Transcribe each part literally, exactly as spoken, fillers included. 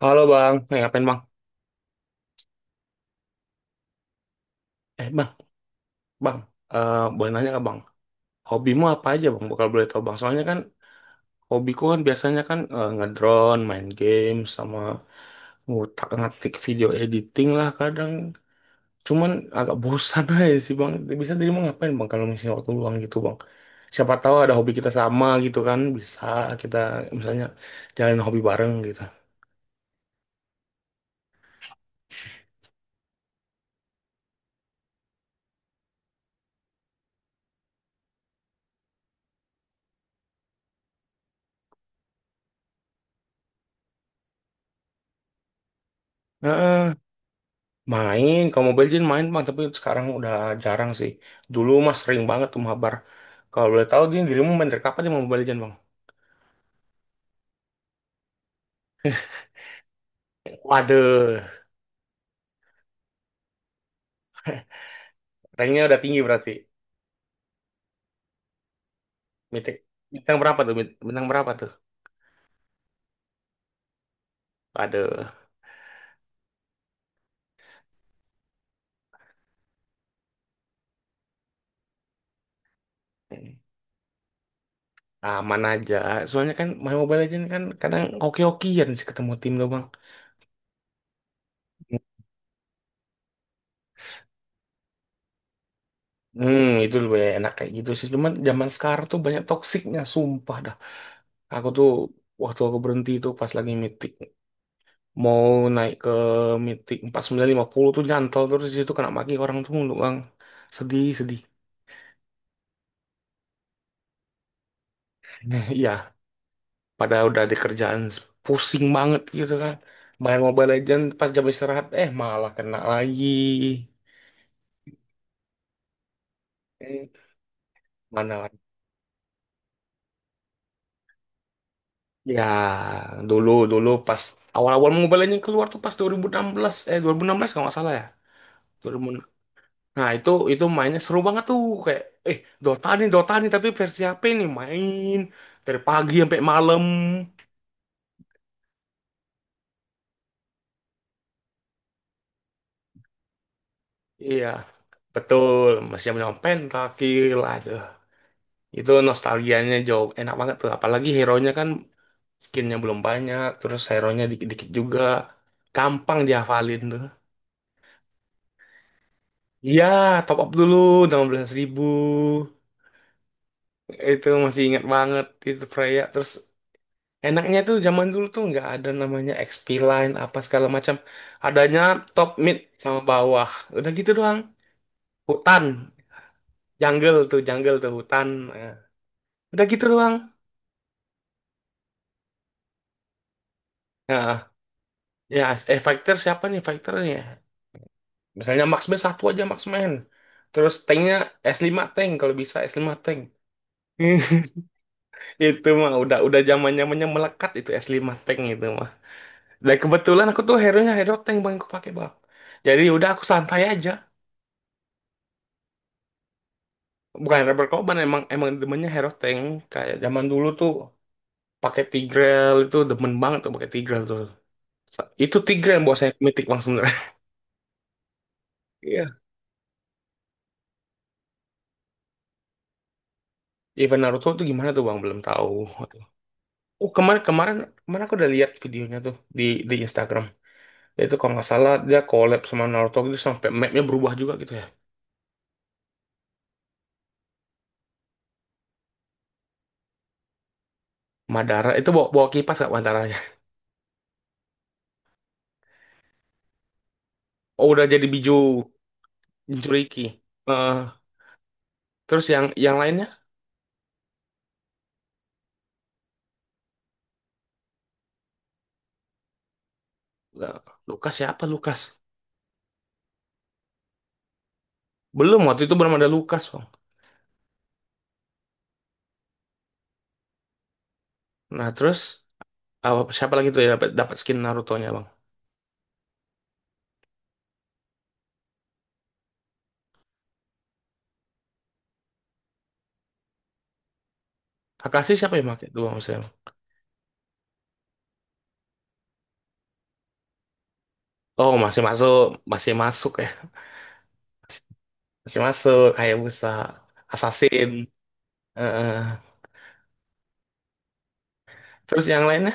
Halo bang, eh, ngapain bang? Eh bang, bang, eh boleh nanya nggak bang? Hobimu apa aja bang? Bakal boleh tahu bang. Soalnya kan hobiku kan biasanya kan eh, ngedrone, main game, sama ngutak ngatik video editing lah kadang. Cuman agak bosan aja sih bang. Bisa jadi mau ngapain bang kalau misalnya waktu luang gitu bang? Siapa tahu ada hobi kita sama gitu kan? Bisa kita misalnya jalanin hobi bareng gitu. Heeh. Main, kalau Mobile Legends main bang, tapi sekarang udah jarang sih. Dulu mah sering banget tuh mabar. Kalau boleh tahu, dia dirimu main dari kapan dia mau Mobile Legends bang? Waduh, ranknya udah tinggi berarti. Mitik. Bintang berapa tuh? Bint- Bintang berapa tuh? Waduh, aman aja. Soalnya kan main Mobile Legends kan kadang oke-okean sih ketemu tim tuh bang. Hmm, itu lebih enak kayak gitu sih. Cuman zaman sekarang tuh banyak toksiknya, sumpah dah. Aku tuh waktu aku berhenti itu pas lagi mitik. Mau naik ke mitik empat puluh sembilan lima puluh tuh nyantol terus di situ, kena maki orang tuh mulu bang, sedih sedih. Nah, iya, pada udah di kerjaan pusing banget gitu kan, main Mobile Legends pas jam istirahat eh malah kena lagi. Eh, mana lagi ya, dulu dulu pas awal-awal Mobile Legends keluar tuh pas dua ribu enam belas eh dua ribu enam belas kalau nggak salah ya. dua ribu enam. Nah itu itu mainnya seru banget tuh, kayak eh Dota nih Dota nih tapi versi H P nih, main dari pagi sampai malam. Iya, betul. Masih zaman pentakil, kill, aduh. Itu nostalgianya jauh enak banget tuh. Apalagi hero-nya kan skinnya belum banyak, terus hero-nya dikit-dikit juga. Gampang dihafalin tuh. Iya, top up dulu, enam belas ribu. Itu masih ingat banget, itu Freya. Terus enaknya tuh zaman dulu tuh nggak ada namanya X P line, apa segala macam. Adanya top mid sama bawah. Udah gitu doang. Hutan, jungle tuh, jungle tuh, hutan. Nah, udah gitu doang. Nah, ya, eh fighter siapa nih fighternya? Misalnya Maxman satu aja Maxman. Terus tanknya s lima tank kalau bisa s lima tank. Itu mah udah udah zaman zamannya melekat itu s lima tank itu mah. Dan kebetulan aku tuh hero-nya hero tank bang aku pakai bang. Jadi udah aku santai aja. Bukan rubber korban, emang emang demennya hero tank, kayak zaman dulu tuh pakai Tigreal itu demen banget tuh pakai Tigreal tuh. Itu Tigreal yang buat saya mitik bang sebenarnya. Iya. Event Naruto tuh gimana tuh bang, belum tahu. Oh, kemarin kemarin kemarin aku udah lihat videonya tuh di di Instagram. Itu kalau nggak salah dia collab sama Naruto gitu sampai mapnya berubah juga gitu ya. Madara itu bawa, bawa kipas gak Madaranya? Oh udah jadi Biju Jinchuriki. Eh, terus yang yang lainnya. Lah, Lukas siapa Lukas? Belum, waktu itu belum ada Lukas bang. Nah, terus apa siapa lagi tuh ya dapat dapat skin Naruto-nya bang? Kakashi siapa yang pakai tuh bang maksudnya? Oh masih masuk, masih masuk ya, masih masuk Hayabusa. Assassin. Eh, eh, terus yang lainnya.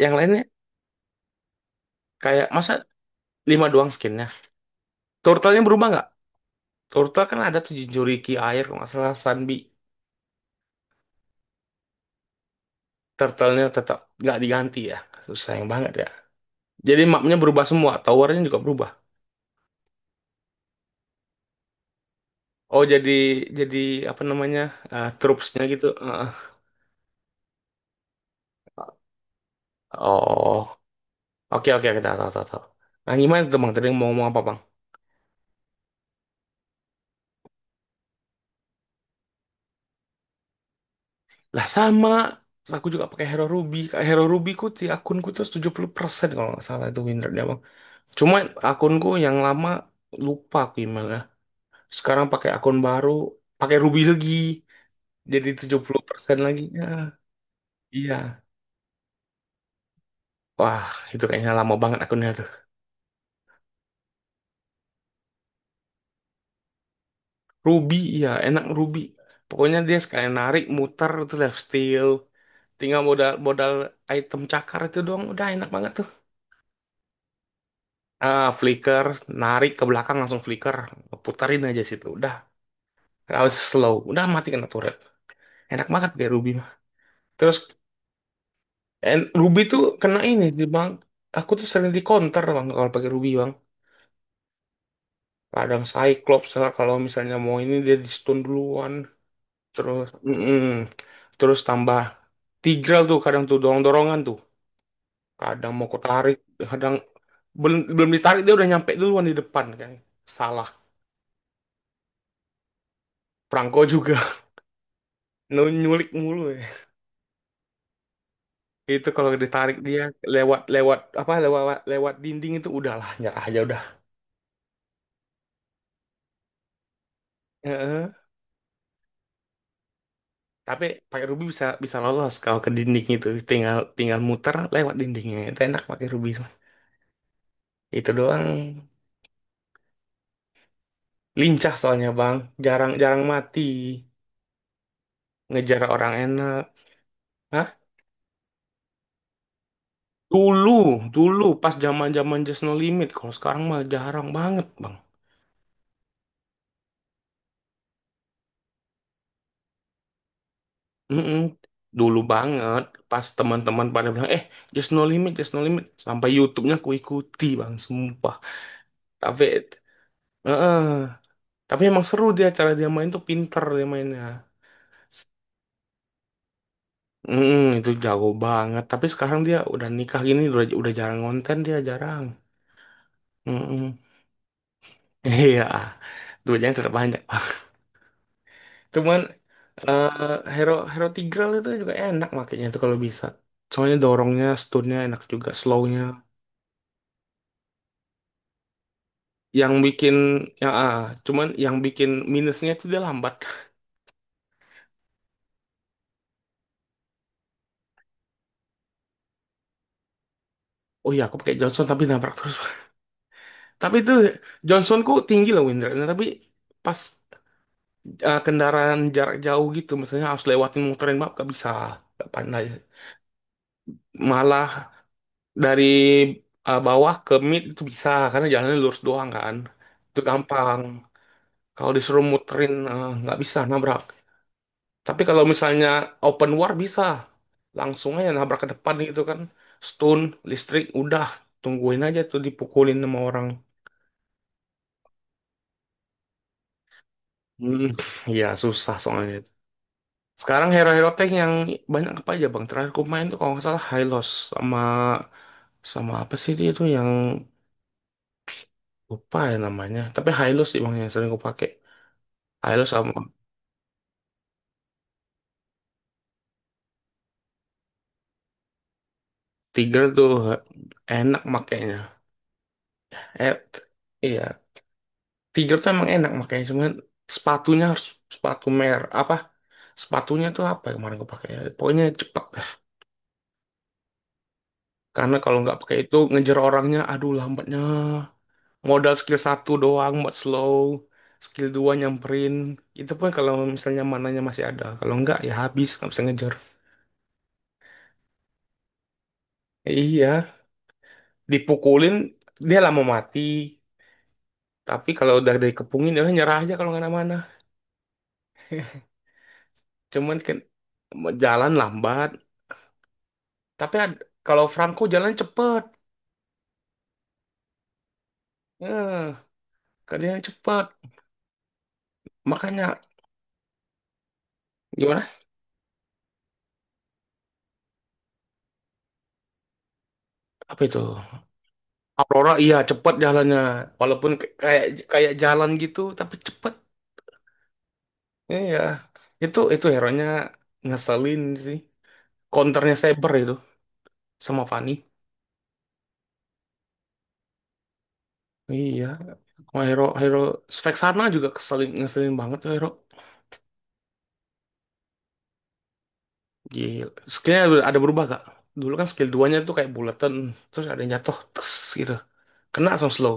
Yang lainnya kayak masa lima doang skinnya? Turtle-nya berubah nggak? Turtle kan ada tuh Jinchuriki air kalau nggak salah Sunbi. Turtle-nya tetap nggak diganti ya. Sayang banget ya. Jadi mapnya berubah semua, towernya juga berubah. Oh jadi jadi apa namanya, eh, troops-nya gitu. Heeh. Oh oke oke, kita tahu tahu tahu. Nah gimana tuh bang? Tadi mau ngomong apa bang? Lah sama, terus aku juga pakai Hero Ruby. Kayak Hero Ruby ku di akunku tuh tujuh puluh persen kalau nggak salah itu win rate-nya, Bang. Cuma akunku yang lama lupa aku emailnya. Sekarang pakai akun baru, pakai Ruby lagi. Jadi tujuh puluh persen lagi. Ya, iya. Wah, itu kayaknya lama banget akunnya tuh. Ruby, iya, enak Ruby. Pokoknya dia sekalian narik, muter, itu left steal. Tinggal modal modal item cakar itu doang udah enak banget tuh. Ah, flicker, narik ke belakang langsung flicker, putarin aja situ. Udah, harus slow. Udah mati kena turret. Enak banget kayak Ruby mah. Terus and Ruby tuh kena ini di bang. Aku tuh sering di counter bang kalau pakai Ruby bang. Kadang Cyclops lah, kalau misalnya mau ini dia di stun duluan. Terus, mm-mm. Terus tambah Tigreal tuh, kadang tuh dorong-dorongan tuh. Kadang mau ku tarik, kadang belum belum ditarik dia udah nyampe duluan di depan kan. Salah. Franco juga nyulik mulu. Ya. Itu kalau ditarik dia lewat, lewat apa, lewat lewat dinding itu udahlah nyerah aja udah. Heeh. Tapi pakai rubi bisa bisa lolos, kalau ke dinding itu tinggal tinggal muter lewat dindingnya itu, enak pakai rubi Mas. Itu doang, lincah soalnya Bang, jarang jarang mati, ngejar orang enak. Hah? Dulu, dulu pas zaman-zaman Just No Limit. Kalau sekarang mah jarang banget, Bang. Mm-mm. Dulu banget pas teman-teman pada bilang eh just no limit, just no limit, sampai YouTube-nya ku ikuti bang sumpah, tapi eh tapi emang seru dia, cara dia main tuh pinter dia mainnya. Mm-mm, itu jago banget, tapi sekarang dia udah nikah gini udah udah jarang konten dia, jarang. Mm-mm. Iya, duitnya tetap banyak. Cuman, eh, Hero Hero Tigreal itu juga enak makanya itu kalau bisa, soalnya dorongnya stunnya enak, juga slownya, yang bikin yang ah, cuman yang bikin minusnya itu dia lambat. Oh iya, aku pakai Johnson tapi nabrak terus. Tapi itu Johnsonku tinggi loh windranya, tapi pas eh, kendaraan jarak jauh gitu, misalnya harus lewatin muterin map gak bisa, gak pandai. Malah dari eh, bawah ke mid itu bisa karena jalannya lurus doang kan, itu gampang. Kalau disuruh muterin eh, nggak bisa, nabrak. Tapi kalau misalnya open war bisa, langsung aja nabrak ke depan gitu kan. Stun, listrik, udah tungguin aja tuh dipukulin sama orang. Hmm, ya susah soalnya itu. Sekarang hero-hero tank yang banyak apa aja bang? Terakhir ku main tuh kalau nggak salah Hylos, sama sama apa sih dia itu yang lupa ya namanya. Tapi Hylos sih bang yang sering ku pakai. Hylos sama Tiger tuh enak makainya. Eh, t- iya, Tiger tuh emang enak makanya cuman sepatunya harus sepatu mer apa, sepatunya tuh apa yang kemarin gue pakai ya? Pokoknya cepet dah, karena kalau nggak pakai itu ngejar orangnya aduh lambatnya, modal skill satu doang buat slow, skill dua nyamperin, itu pun kalau misalnya mananya masih ada, kalau nggak ya habis, nggak bisa ngejar. Iya, dipukulin dia lama mati, tapi kalau udah dikepungin dia nyerah aja kalau nggak ada mana. Cuman kan jalan lambat, tapi ad- kalau Franco jalan cepet. Eh, kerjanya cepat. Makanya gimana? Apa itu? Aurora iya cepat jalannya. Walaupun k- kayak kayak jalan gitu tapi cepat. Iya. Itu itu hero-nya ngeselin sih. Counternya Saber itu sama Fanny. Iya, sama hero hero spek sana juga keselin, ngeselin banget tuh hero. Gila. Skillnya ada ada berubah gak? Dulu kan skill duanya nya tuh kayak bulatan, terus ada yang jatuh, terus gitu. Kena langsung slow.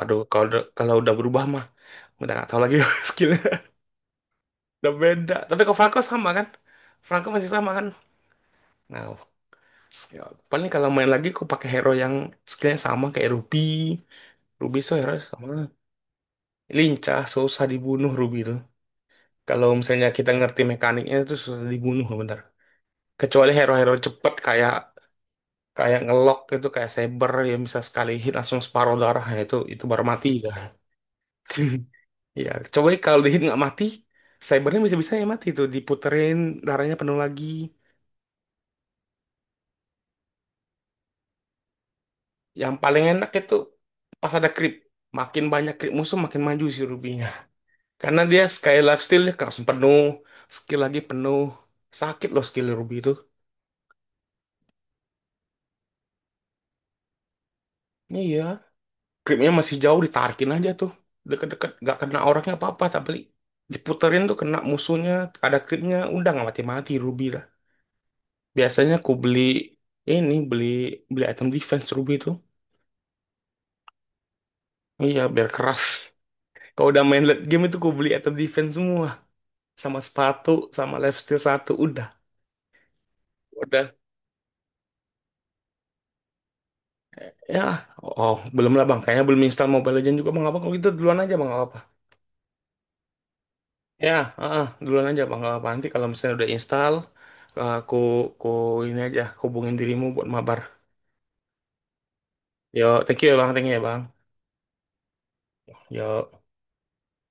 Aduh, kalau udah, kalau udah berubah mah udah gak tau lagi skill. Udah beda. Tapi kok Franco sama kan? Franco masih sama kan? Nah, ya, paling kalau main lagi aku pakai hero yang skillnya sama kayak Ruby. Ruby so hero sama. Lincah, susah dibunuh Ruby itu. Kalau misalnya kita ngerti mekaniknya itu susah dibunuh bentar. Kecuali hero-hero cepet kayak kayak ngelok itu, kayak Saber yang bisa sekali hit langsung separuh darah, ya itu itu baru mati ya. Ya, coba kalau di hit nggak mati, Cybernya bisa-bisa ya mati tuh diputerin, darahnya penuh lagi. Yang paling enak itu pas ada creep. Makin banyak creep musuh makin maju si Rubinya. Karena dia sekali life steal-nya langsung penuh. Skill lagi penuh. Sakit loh skill Ruby itu. Iya. Creepnya masih jauh ditarikin aja tuh. Deket-deket gak kena orangnya apa-apa. Tapi diputerin tuh kena musuhnya. Ada creepnya. Udah gak mati-mati Ruby lah. Biasanya aku beli ini. Beli beli item defense Ruby itu. Iya biar keras. Kalau udah main late game itu aku beli item defense semua. Sama sepatu. Sama lifesteal satu. Udah. Udah. Ya, oh, belum lah bang. Kayaknya belum install Mobile Legends juga bang. Apa kalau gitu duluan aja bang, nggak apa-apa. Ya, heeh, duluan aja bang, nggak apa-apa. Nanti kalau misalnya udah install, aku, aku ini aja, hubungin dirimu buat mabar. Yo, thank you ya bang, thank you ya bang. Yo.